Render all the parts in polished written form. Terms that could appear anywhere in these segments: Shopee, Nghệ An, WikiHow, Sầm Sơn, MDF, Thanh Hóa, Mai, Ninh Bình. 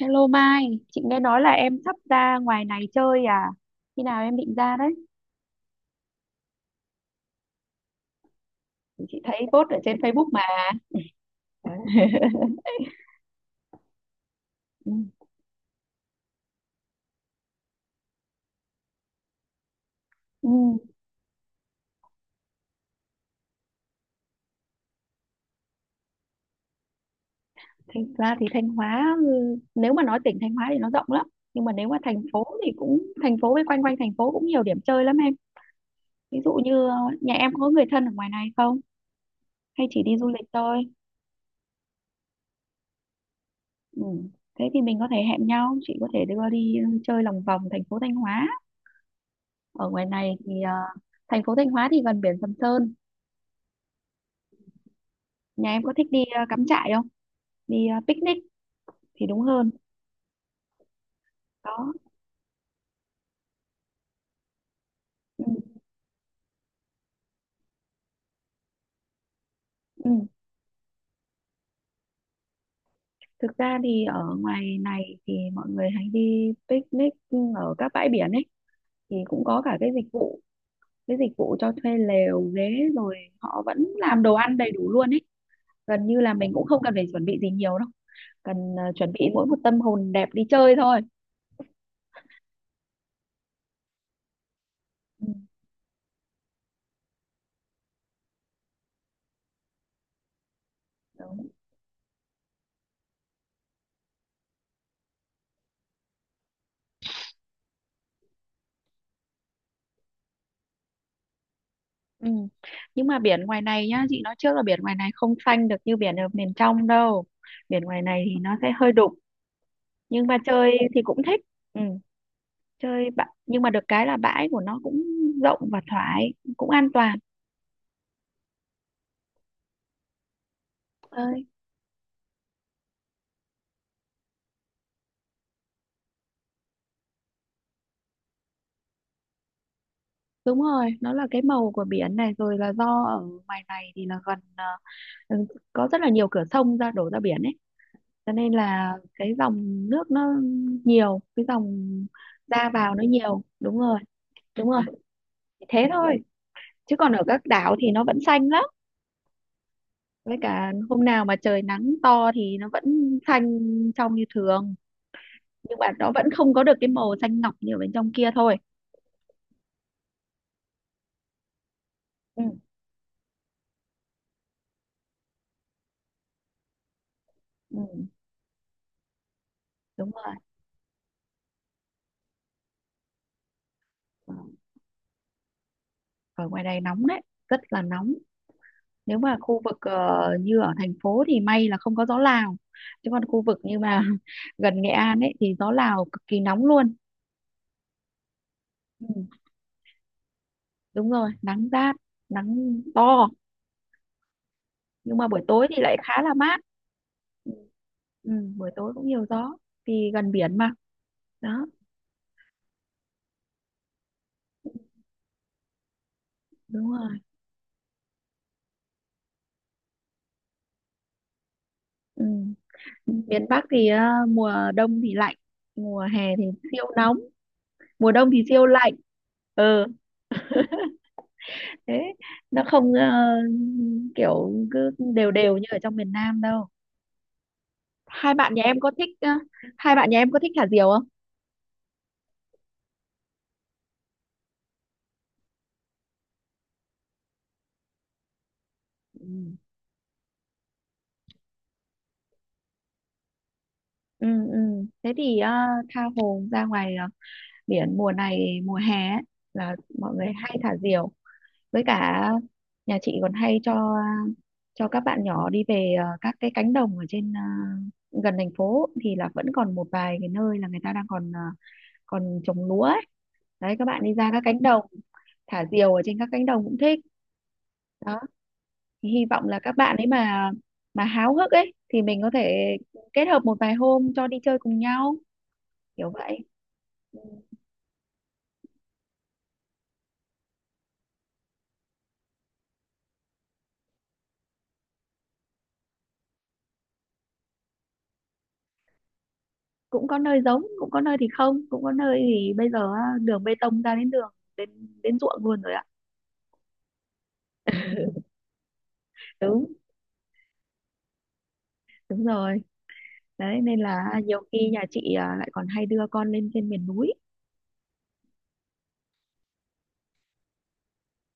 Hello Mai, chị nghe nói là em sắp ra ngoài này chơi à? Khi nào em định ra đấy? Chị thấy post ở trên Facebook mà. Ừ. Ừ. Thành ra thì Thanh Hóa, ừ, nếu mà nói tỉnh Thanh Hóa thì nó rộng lắm. Nhưng mà nếu mà thành phố thì thành phố với quanh quanh thành phố cũng nhiều điểm chơi lắm em. Ví dụ như nhà em có người thân ở ngoài này không? Hay chỉ đi du lịch thôi? Ừ. Thế thì mình có thể hẹn nhau, chị có thể đưa đi chơi lòng vòng thành phố Thanh Hóa. Ở ngoài này thì thành phố Thanh Hóa thì gần biển Sầm Sơn. Nhà em có thích đi cắm trại không? Đi picnic thì đúng hơn. Đó. Ừ. Ừ. Thực ra thì ở ngoài này thì mọi người hay đi picnic ở các bãi biển ấy, thì cũng có cả cái dịch vụ, cái dịch vụ cho thuê lều ghế, rồi họ vẫn làm đồ ăn đầy đủ luôn ấy. Gần như là mình cũng không cần phải chuẩn bị gì nhiều đâu, cần chuẩn bị mỗi một tâm hồn đẹp đi chơi thôi. Ừ. Đúng. Ừ. Nhưng mà biển ngoài này nhá, chị nói trước là biển ngoài này không xanh được như biển ở miền trong đâu, biển ngoài này thì nó sẽ hơi đục, nhưng mà chơi thì cũng thích. Ừ, nhưng mà được cái là bãi của nó cũng rộng và thoải, cũng an toàn. Ơi, đúng rồi, nó là cái màu của biển này, rồi là do ở ngoài này thì là gần ừ, có rất là nhiều cửa sông ra, đổ ra biển ấy. Cho nên là cái dòng nước nó nhiều, cái dòng ra vào nó nhiều. Đúng rồi, đúng rồi. Thế thôi, chứ còn ở các đảo thì nó vẫn xanh lắm. Với cả hôm nào mà trời nắng to thì nó vẫn xanh trong như thường. Nhưng mà nó vẫn không có được cái màu xanh ngọc như ở bên trong kia thôi. Ừ, ừ, đúng rồi. Ờ, ở ngoài này nóng đấy, rất là nóng. Nếu mà khu vực như ở thành phố thì may là không có gió Lào, chứ còn khu vực như mà gần Nghệ An ấy thì gió Lào cực kỳ nóng luôn. Ừ, đúng rồi, nắng rát, nắng to. Nhưng mà buổi tối thì lại khá là mát. Ừ, ừ, buổi tối cũng nhiều gió, vì gần biển mà. Đó, đúng rồi. Ừ. Miền Bắc thì mùa đông thì lạnh, mùa hè thì siêu nóng, mùa đông thì siêu lạnh. Ừ, thế, nó không kiểu cứ đều đều như ở trong miền Nam đâu. hai bạn nhà em có thích ờ, Hai bạn nhà em có thích thả diều không? Ừ. Ừ. Ừ. Thế thì tha hồ ra ngoài biển mùa này, mùa hè ấy, là mọi người hay thả diều. Với cả nhà chị còn hay cho các bạn nhỏ đi về các cái cánh đồng ở trên, gần thành phố thì là vẫn còn một vài cái nơi là người ta đang còn còn trồng lúa ấy. Đấy, các bạn đi ra các cánh đồng, thả diều ở trên các cánh đồng cũng thích. Đó, thì hy vọng là các bạn ấy mà háo hức ấy thì mình có thể kết hợp một vài hôm cho đi chơi cùng nhau, kiểu vậy. Ừ. Cũng có nơi giống, cũng có nơi thì không, cũng có nơi thì bây giờ á, đường bê tông ra đến đường đến đến ruộng luôn rồi ạ. Đúng, đúng rồi. Đấy nên là nhiều khi nhà chị à, lại còn hay đưa con lên trên miền núi.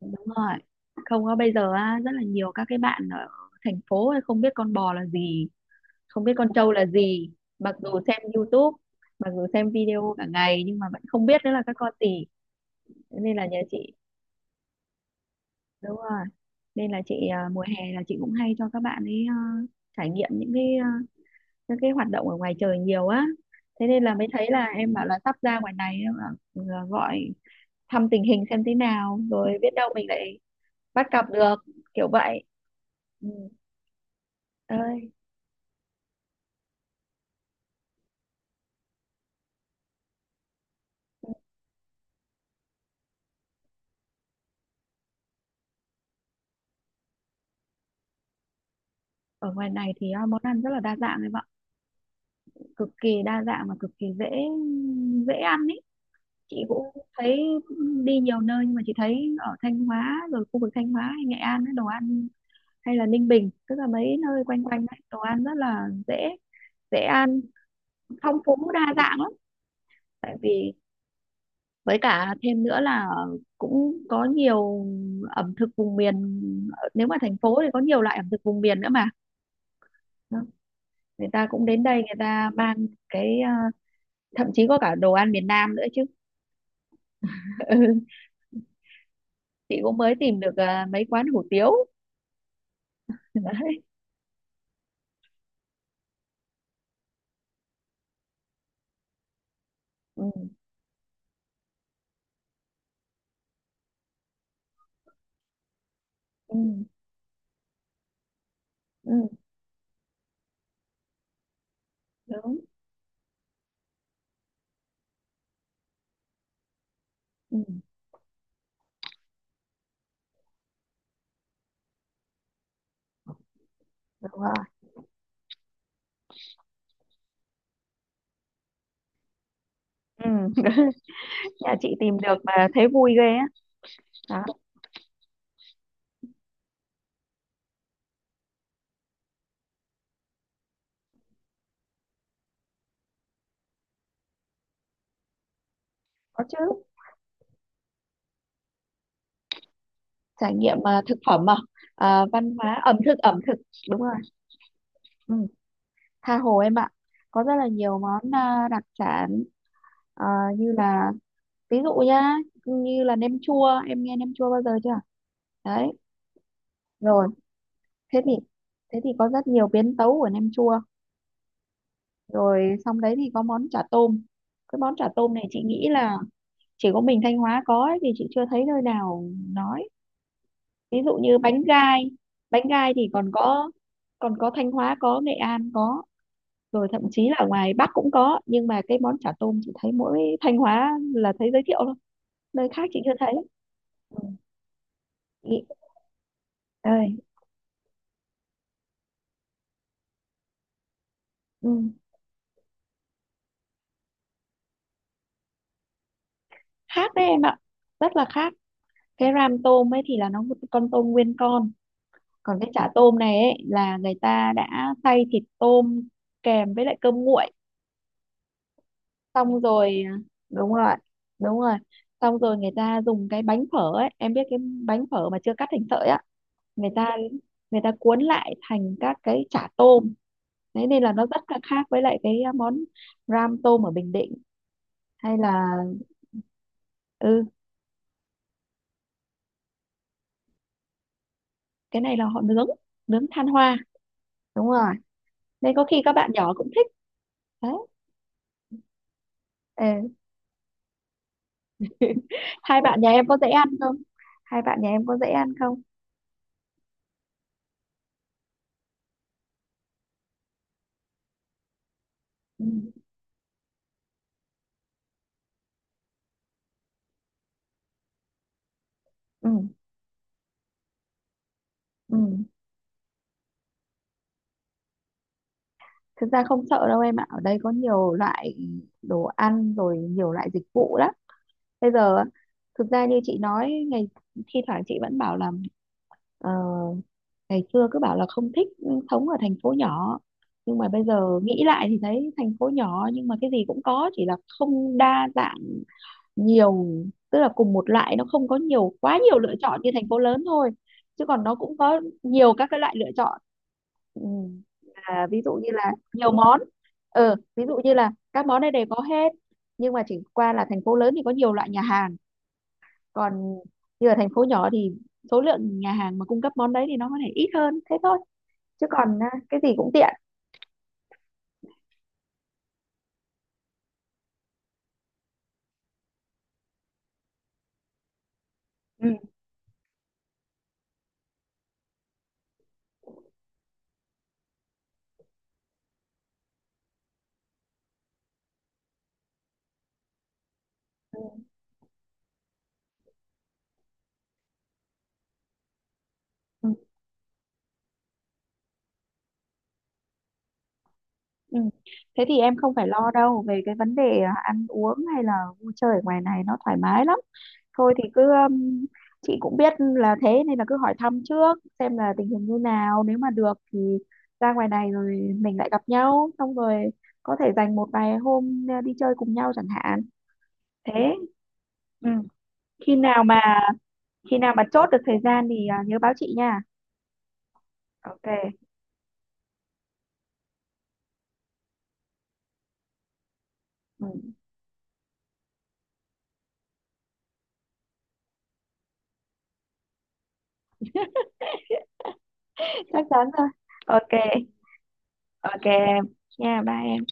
Đúng rồi, không, có bây giờ á, rất là nhiều các cái bạn ở thành phố ấy không biết con bò là gì, không biết con trâu là gì. Mặc dù xem YouTube, mặc dù xem video cả ngày nhưng mà vẫn không biết đấy là các con gì. Nên là nhà chị, đúng rồi, nên là chị à, mùa hè là chị cũng hay cho các bạn ấy à, trải nghiệm những cái à, những cái hoạt động ở ngoài trời nhiều á. Thế nên là mới thấy là em bảo là sắp ra ngoài này, em bảo, à, gọi thăm tình hình xem thế nào, rồi biết đâu mình lại bắt gặp được, kiểu vậy. Ừ. Ơi, ở ngoài này thì à, món ăn rất là đa dạng em ạ, cực kỳ đa dạng và cực kỳ dễ dễ ăn ý. Chị cũng thấy đi nhiều nơi nhưng mà chị thấy ở Thanh Hóa, rồi khu vực Thanh Hóa hay Nghệ An ấy, đồ ăn, hay là Ninh Bình, tức là mấy nơi quanh quanh ấy, đồ ăn rất là dễ dễ ăn, phong phú đa dạng lắm. Tại vì với cả thêm nữa là cũng có nhiều ẩm thực vùng miền, nếu mà thành phố thì có nhiều loại ẩm thực vùng miền nữa mà. Đó, người ta cũng đến đây, người ta mang cái à, thậm chí có cả đồ ăn miền Nam nữa chứ. Ừ, chị cũng mới tìm được à, mấy quán hủ tiếu. Đấy. Ừ. Ừ. Ừ. Đúng. Ừ. Đúng rồi. Ừ. Nhà chị tìm được mà thấy vui ghê á. Đó, có chứ. Trải nghiệm à, thực phẩm mà, à, văn hóa ẩm thực, ẩm thực, đúng rồi. Ừ, tha hồ em ạ, có rất là nhiều món à, đặc sản, à, như là, ví dụ nhá, như là nem chua, em nghe nem chua bao giờ chưa? Đấy, rồi, thế thì, thế thì có rất nhiều biến tấu của nem chua. Rồi xong đấy thì có món chả tôm. Cái món chả tôm này chị nghĩ là chỉ có mình Thanh Hóa có ấy, thì chị chưa thấy nơi nào nói. Ví dụ như bánh gai, bánh gai thì còn có, còn có Thanh Hóa có, Nghệ An có, rồi thậm chí là ở ngoài Bắc cũng có, nhưng mà cái món chả tôm chỉ thấy mỗi Thanh Hóa là thấy giới thiệu thôi, nơi khác chị chưa thấy. Ừ. Nghĩ- Ơi, ừ, khác đấy em ạ, rất là khác. Cái ram tôm ấy thì là nó một con tôm nguyên con, còn cái chả tôm này ấy là người ta đã xay thịt tôm kèm với lại cơm nguội, xong rồi à, đúng rồi, đúng rồi, xong rồi người ta dùng cái bánh phở ấy, em biết cái bánh phở mà chưa cắt thành sợi á, người ta người ta cuốn lại thành các cái chả tôm. Đấy nên là nó rất là khác với lại cái món ram tôm ở Bình Định, hay là, ừ, cái này là họ nướng, nướng than hoa. Đúng rồi, nên có khi các bạn nhỏ cũng thích. Đấy. Ừ. Hai bạn nhà em có dễ ăn không? Hai bạn nhà em có dễ ăn không? Ừ. Ừ. Ừ. Thực ra không sợ đâu em ạ, ở đây có nhiều loại đồ ăn, rồi nhiều loại dịch vụ lắm. Bây giờ á, thực ra như chị nói, ngày, thi thoảng chị vẫn bảo là ờ, ngày xưa cứ bảo là không thích sống ở thành phố nhỏ, nhưng mà bây giờ nghĩ lại thì thấy thành phố nhỏ nhưng mà cái gì cũng có, chỉ là không đa dạng nhiều, tức là cùng một loại nó không có nhiều, quá nhiều lựa chọn như thành phố lớn thôi, chứ còn nó cũng có nhiều các cái loại lựa chọn. Ừ, là ví dụ như là nhiều món. Ừ, ví dụ như là các món này đều có hết, nhưng mà chỉ qua là thành phố lớn thì có nhiều loại nhà hàng, còn như ở thành phố nhỏ thì số lượng nhà hàng mà cung cấp món đấy thì nó có thể ít hơn thế thôi, chứ còn à, cái gì cũng tiện. Ừ. Ừ. Ừ. Ừ. Thế thì em không phải lo đâu về cái vấn đề à, ăn uống hay là vui chơi, ở ngoài này nó thoải mái lắm. Thôi thì cứ, um, chị cũng biết là thế, nên là cứ hỏi thăm trước xem là tình hình như nào, nếu mà được thì ra ngoài này rồi mình lại gặp nhau, xong rồi có thể dành một vài hôm à, đi chơi cùng nhau chẳng hạn. Thế. Ừ. khi nào mà khi nào mà chốt được thời gian thì à, nhớ báo chị nha. Ok. Ừ. Chắc chắn rồi. Ok. Ok. Nha, bye em.